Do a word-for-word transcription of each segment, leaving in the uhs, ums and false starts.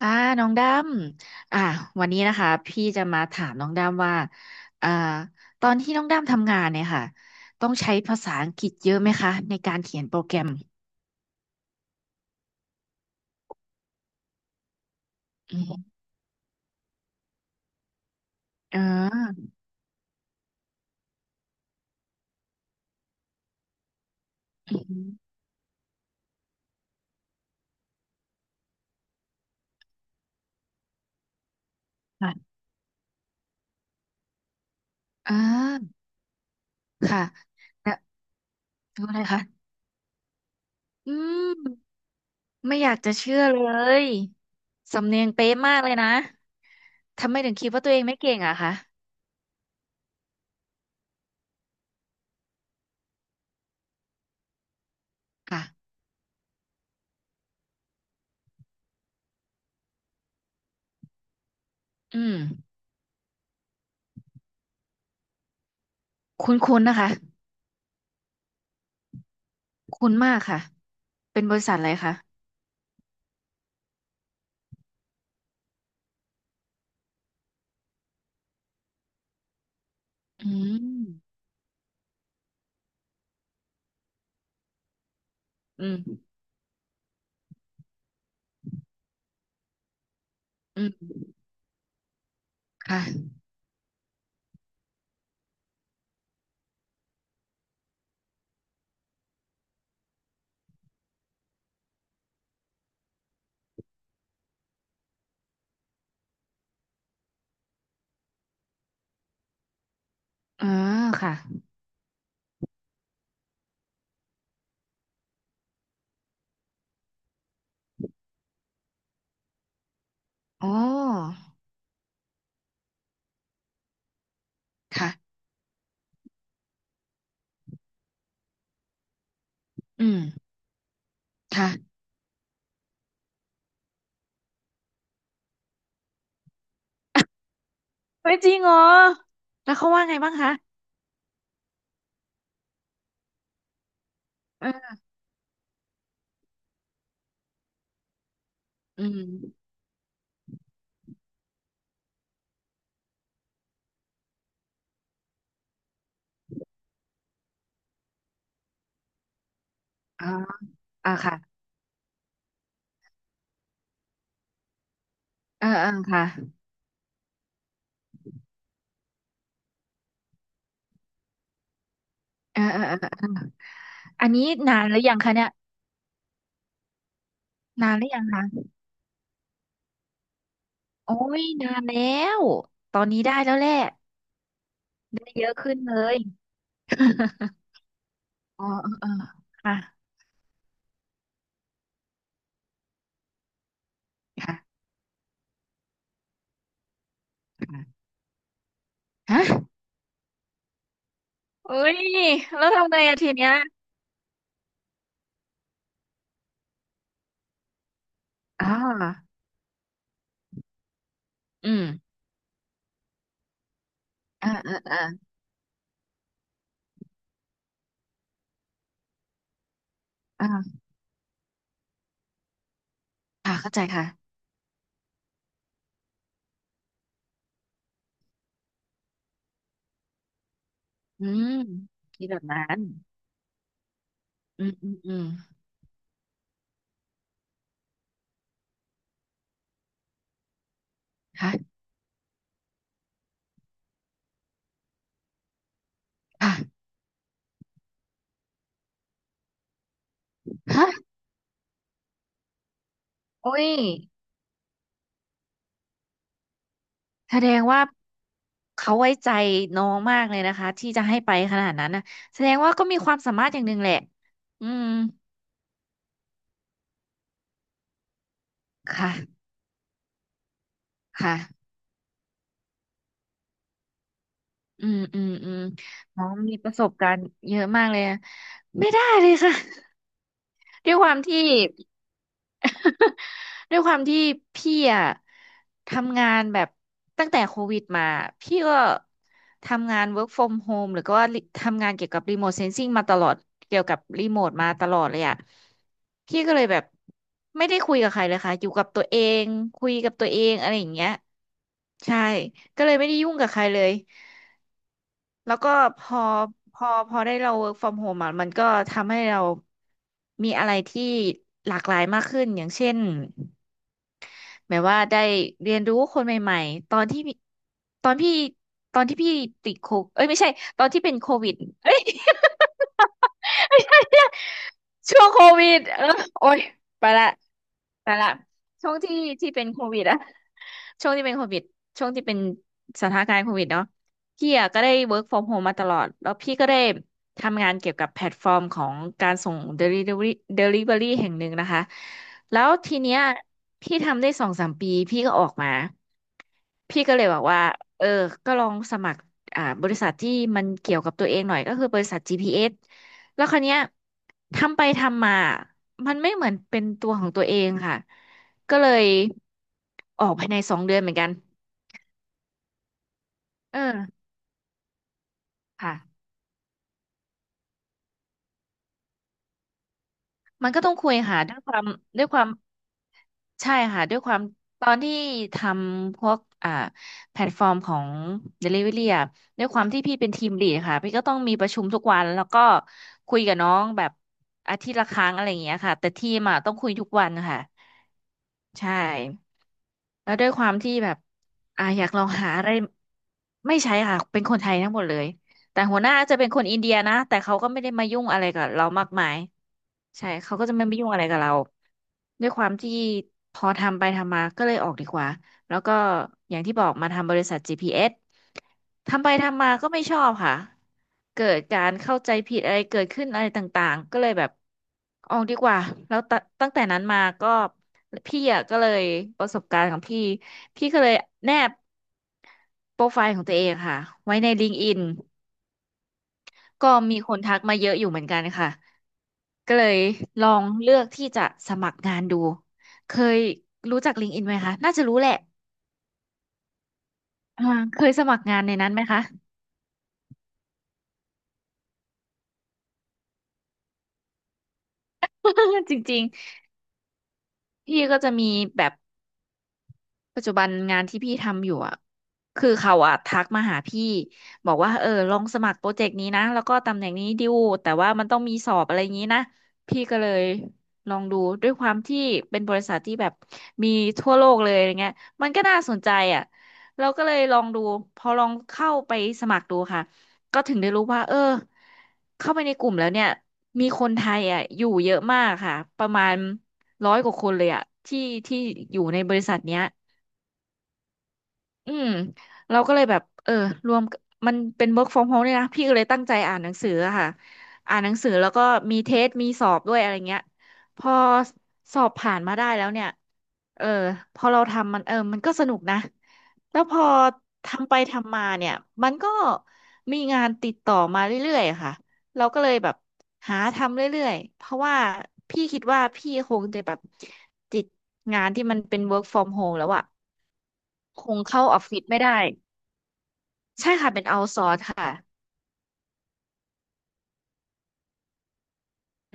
อ่าน้องดำอ่าวันนี้นะคะพี่จะมาถามน้องดำว่าอ่าตอนที่น้องดำทำงานเนี่ยค่ะต้องใช้ภาษาอังกฤษเยอะไหมคะในการเขียนโปรแกรมอืมอ่าอืมค่ะอ่าค่ะนะดูอะไรคะอืมไม่อยากจะเชื่อเลย สำเนียงเป๊ะมากเลยนะ ทำไมถึงคิดว่าตัวเองไม่เก่งอะคะค่ะอืมคุ้นๆนะคะ คุ้นมากค่ะ เป็นบริษัทอะไรคะอืม อืมอืมค่ะอ๋อค่ะอ๋อค่ะอืมค่ะเฮ้ยจริงเหรอ แล้วเขาว่าไงบ้างคะเอออืมอ๋ออ่าค่ะเออเออค่ะเออเออเออเอออันนี้นานหรือยังคะเนี่ยนานหรือยังคะโอ้ยนานแล้ว ตอนนี้ได้แล้วแหละได้เยอะขึ้นเลย อ๋อเออเออค่ะค่ะค่ะฮะเอ้ยแล้วทำไงอะทีเนี้ยอ๋ออืมออเออเออ ค่ะเข้าใจค่ะอืมคิดแบบนั้น อืม อืมอืมค่ะค่ะฮะโอ้ยแสดงว่าเขาไว้ใจน้องมากเลยนะคะที่จะให้ไปขนาดนั้นนะแสดงว่าก็มีความสามารถอย่างหนึ่งแหละอืมค่ะ ค่ะอืมอืมอืมน้องมีประสบการณ์เยอะมากเลยอะไม่ได้เลยค่ะ ด้วยความที่ ด้วยความที่พี่อะทำงานแบบตั้งแต่โควิดมาพี่ก็ทำงาน work from home หรือก็ว่าทำงานเกี่ยวกับ remote sensing มาตลอดเกี่ยวกับรีโมทมาตลอดเลยอะพี่ก็เลยแบบไม่ได้คุยกับใครเลยค่ะอยู่กับตัวเองคุยกับตัวเองอะไรอย่างเงี้ยใช่ก็เลยไม่ได้ยุ่งกับใครเลย แล้วก็พอพอพอได้เรา work from home อ่ะมันก็ทำให้เรามีอะไรที่หลากหลายมากขึ้นอย่างเช่นหมายว่าได้เรียนรู้คนใหม่ๆตอนที่ตอนพี่ตอนที่พี่ติดโควิดเอ้ยไม่ใช่ตอนที่เป็นโควิด ไม่ใช่ไม่ใช่ช่วงโควิดเออโอ้ยไปละไปละช่วงที่ที่เป็นโควิดอะช่วงที่เป็นโควิดช่วงที่เป็นสถานการณ์โควิดเนาะพี่อะก็ได้ work from home มาตลอดแล้วพี่ก็ได้ทำงานเกี่ยวกับแพลตฟอร์มของการส่ง delivery delivery แห่งหนึ่งนะคะแล้วทีเนี้ยพี่ทำได้สองสามปีพี่ก็ออกมาพี่ก็เลยบอกว่าเออก็ลองสมัครอ่าบริษัทที่มันเกี่ยวกับตัวเองหน่อยก็คือบริษัทจีพีเอส แล้วคราวเนี้ยทำไปทำมา มันไม่เหมือนเป็นตัวของตัวเองค่ะ ก็เลยออกภายในสองเดือนเหมือนกันเออค่ะมันก็ต้องคุยค่ะด้วยความด้วยความใช่ค่ะด้วยความตอนที่ทำพวกอ่าแพลตฟอร์มของ Delivery อะด้วยความที่พี่เป็นทีมลีดค่ะพี่ก็ต้องมีประชุมทุกวันแล้วก็คุยกับน้องแบบอาทิตย์ละครั้งอะไรอย่างเงี้ยค่ะแต่ทีมอะต้องคุยทุกวันค่ะใช่ แล้วด้วยความที่แบบอ่าอยากลองหาอะไรไม่ใช่ค่ะเป็นคนไทยทั้งหมดเลย แต่หัวหน้าจะเป็นคนอินเดียนะแต่เขาก็ไม่ได้มายุ่งอะไรกับเรามากมายใช่ เขาก็จะไม่มายุ่งอะไรกับเรา ด้วยความที่พอทำไปทำมาก็เลยออกดีกว่าแล้วก็อย่างที่บอกมาทำบริษัท จี พี เอส ทำไปทำมาก็ไม่ชอบค่ะเกิดการเข้าใจผิดอะไรเกิดขึ้นอะไรต่างๆก็เลยแบบออกดีกว่าแล้วตตั้งแต่นั้นมาก็พี่อ่ะก็เลยประสบการณ์ของพี่พี่ก็เลยแนบโปรไฟล์ของตัวเองค่ะไว้ในลิงก์ดอิน ก็มีคนทักมาเยอะอยู่เหมือนกันค่ะก็เลยลองเลือกที่จะสมัครงานดูเคยรู้จัก LinkedIn ไหมคะน่าจะรู้แหละอ่าเคยสมัครงานในนั้นไหมคะ จริงๆพี่ก็จะมีแบบ ปัจจุบันงานที่พี่ทำอยู่อ่ะคือเขาอ่ะทักมาหาพี่บอกว่าเออลองสมัครโปรเจกต์นี้นะแล้วก็ตำแหน่งนี้ดิวแต่ว่ามันต้องมีสอบอะไรอย่างนี้นะพี่ก็เลยลองดูด้วยความที่เป็นบริษัทที่แบบมีทั่วโลกเลยอะไรเงี้ยมันก็น่าสนใจอ่ะเราก็เลยลองดูพอลองเข้าไปสมัครดูค่ะก็ถึงได้รู้ว่าเออเข้าไปในกลุ่มแล้วเนี่ยมีคนไทยอ่ะอยู่เยอะมากค่ะประมาณร้อยกว่าคนเลยอ่ะที่ที่อยู่ในบริษัทเนี้ย อืมเราก็เลยแบบเออรวมมันเป็น work from home เนี่ยนะพี่ก็เลยตั้งใจอ่านหนังสืออะค่ะอ่านหนังสือแล้วก็มีเทสมีสอบด้วยอะไรเงี้ยพอสอบผ่านมาได้แล้วเนี่ยเออพอเราทำมันเออมันก็สนุกนะแล้วพอทำไปทำมาเนี่ยมันก็มีงานติดต่อมาเรื่อยๆอะค่ะเราก็เลยแบบหาทำเรื่อยๆเพราะว่าพี่คิดว่าพี่คงจะแบบติดงานที่มันเป็น work from home แล้วอะ คงเข้าออฟฟิศไม่ได้ใช่ค่ะเป็นเอาซอร์สค่ะ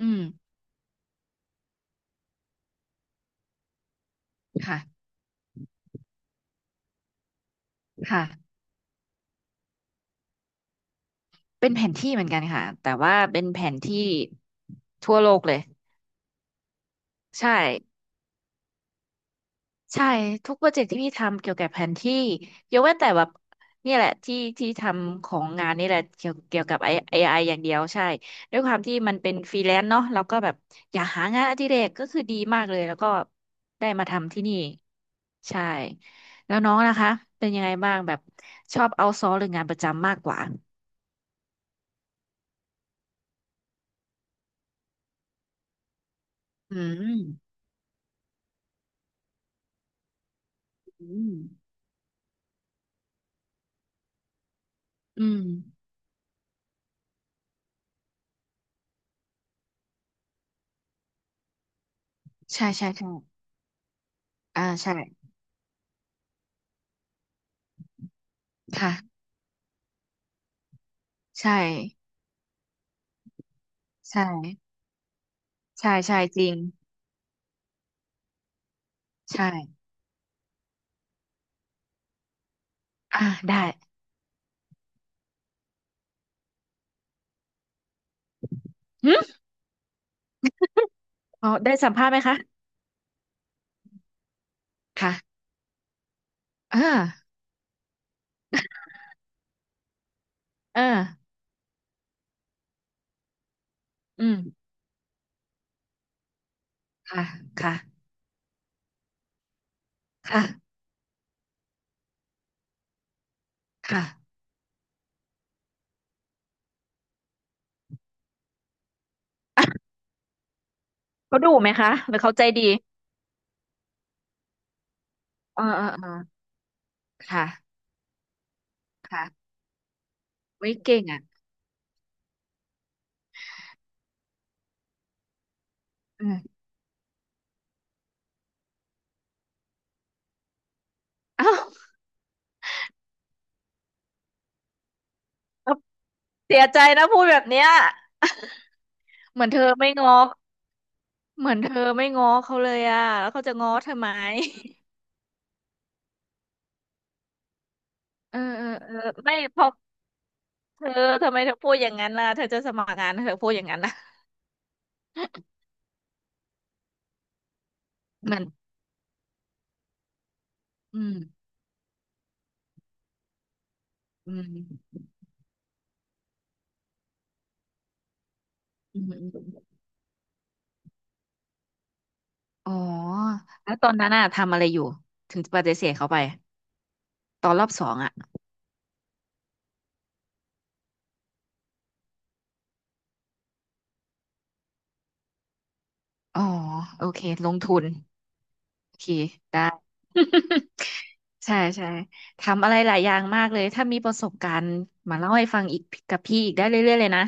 อืมค่ะค่ะเป็นแผนที่เหมือนกันค่ะแต่ว่าเป็นแผนที่ทั่วโลกเลยใช่ ใช่ทุกโปรเจกต์ที่พี่ทำเกี่ยวกับแผนที่ยกเว้นแต่แบบนี่แหละที่ที่ทำของงานนี่แหละเกี่ยวเกี่ยวกับ เอ ไอ อไออย่างเดียวใช่ด้วยความที่มันเป็นฟรีแลนซ์เนาะเราก็แบบอยากหางานอดิเรกก็คือดีมากเลยแล้วก็ได้มาทำที่นี่ใช่แล้วน้องนะคะเป็นยังไงบ้างแบบชอบเอาซอหรืองานประจำมากกว่าอืมอืมอืมใช่ใช่ใช่อ่าใช่ค่ะใช่ใช่ใช่ใช่จริงใช่ อ่าได้หึอ๋อได้สัมภาษณ์ไหมคะค่ะอ่าเอออืมค่ะค่ะ ค่ะ ค่ะเขาดุไหมคะหรือเขาใจดีเออเออเออค่ะค่ะไว้ยเก่งอ่ะอืมอ้าวเอาเสียใจนะพูดแบบเนี้ยเหมือนเธอไม่ง้อ เหมือนเธอไม่ง้อเขาเลยอ่ะแล้วเขาจะง้อเธอไหม เออเออเออไม่เพอเธอทำไมเธอพูดอย่างนั้นล่ะเธอจะสมัครงานเธอพูดอย่างนั้นนะเหมือนอืมอืมอืม อ๋อ แล้วตอนนั้นอะทำอะไรอยู่ถึงปฏิเสธเขาไปตอนรอบสองอะอ๋อโอเคลงทุนโอเคได้ ใช่ใช่ทำอะไรหลายอย่างมากเลยถ้ามีประสบการณ์มาเล่าให้ฟังอีกกับพี่อีกได้เรื่อยๆเลยนะ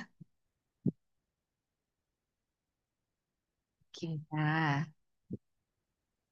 โอเคจ้า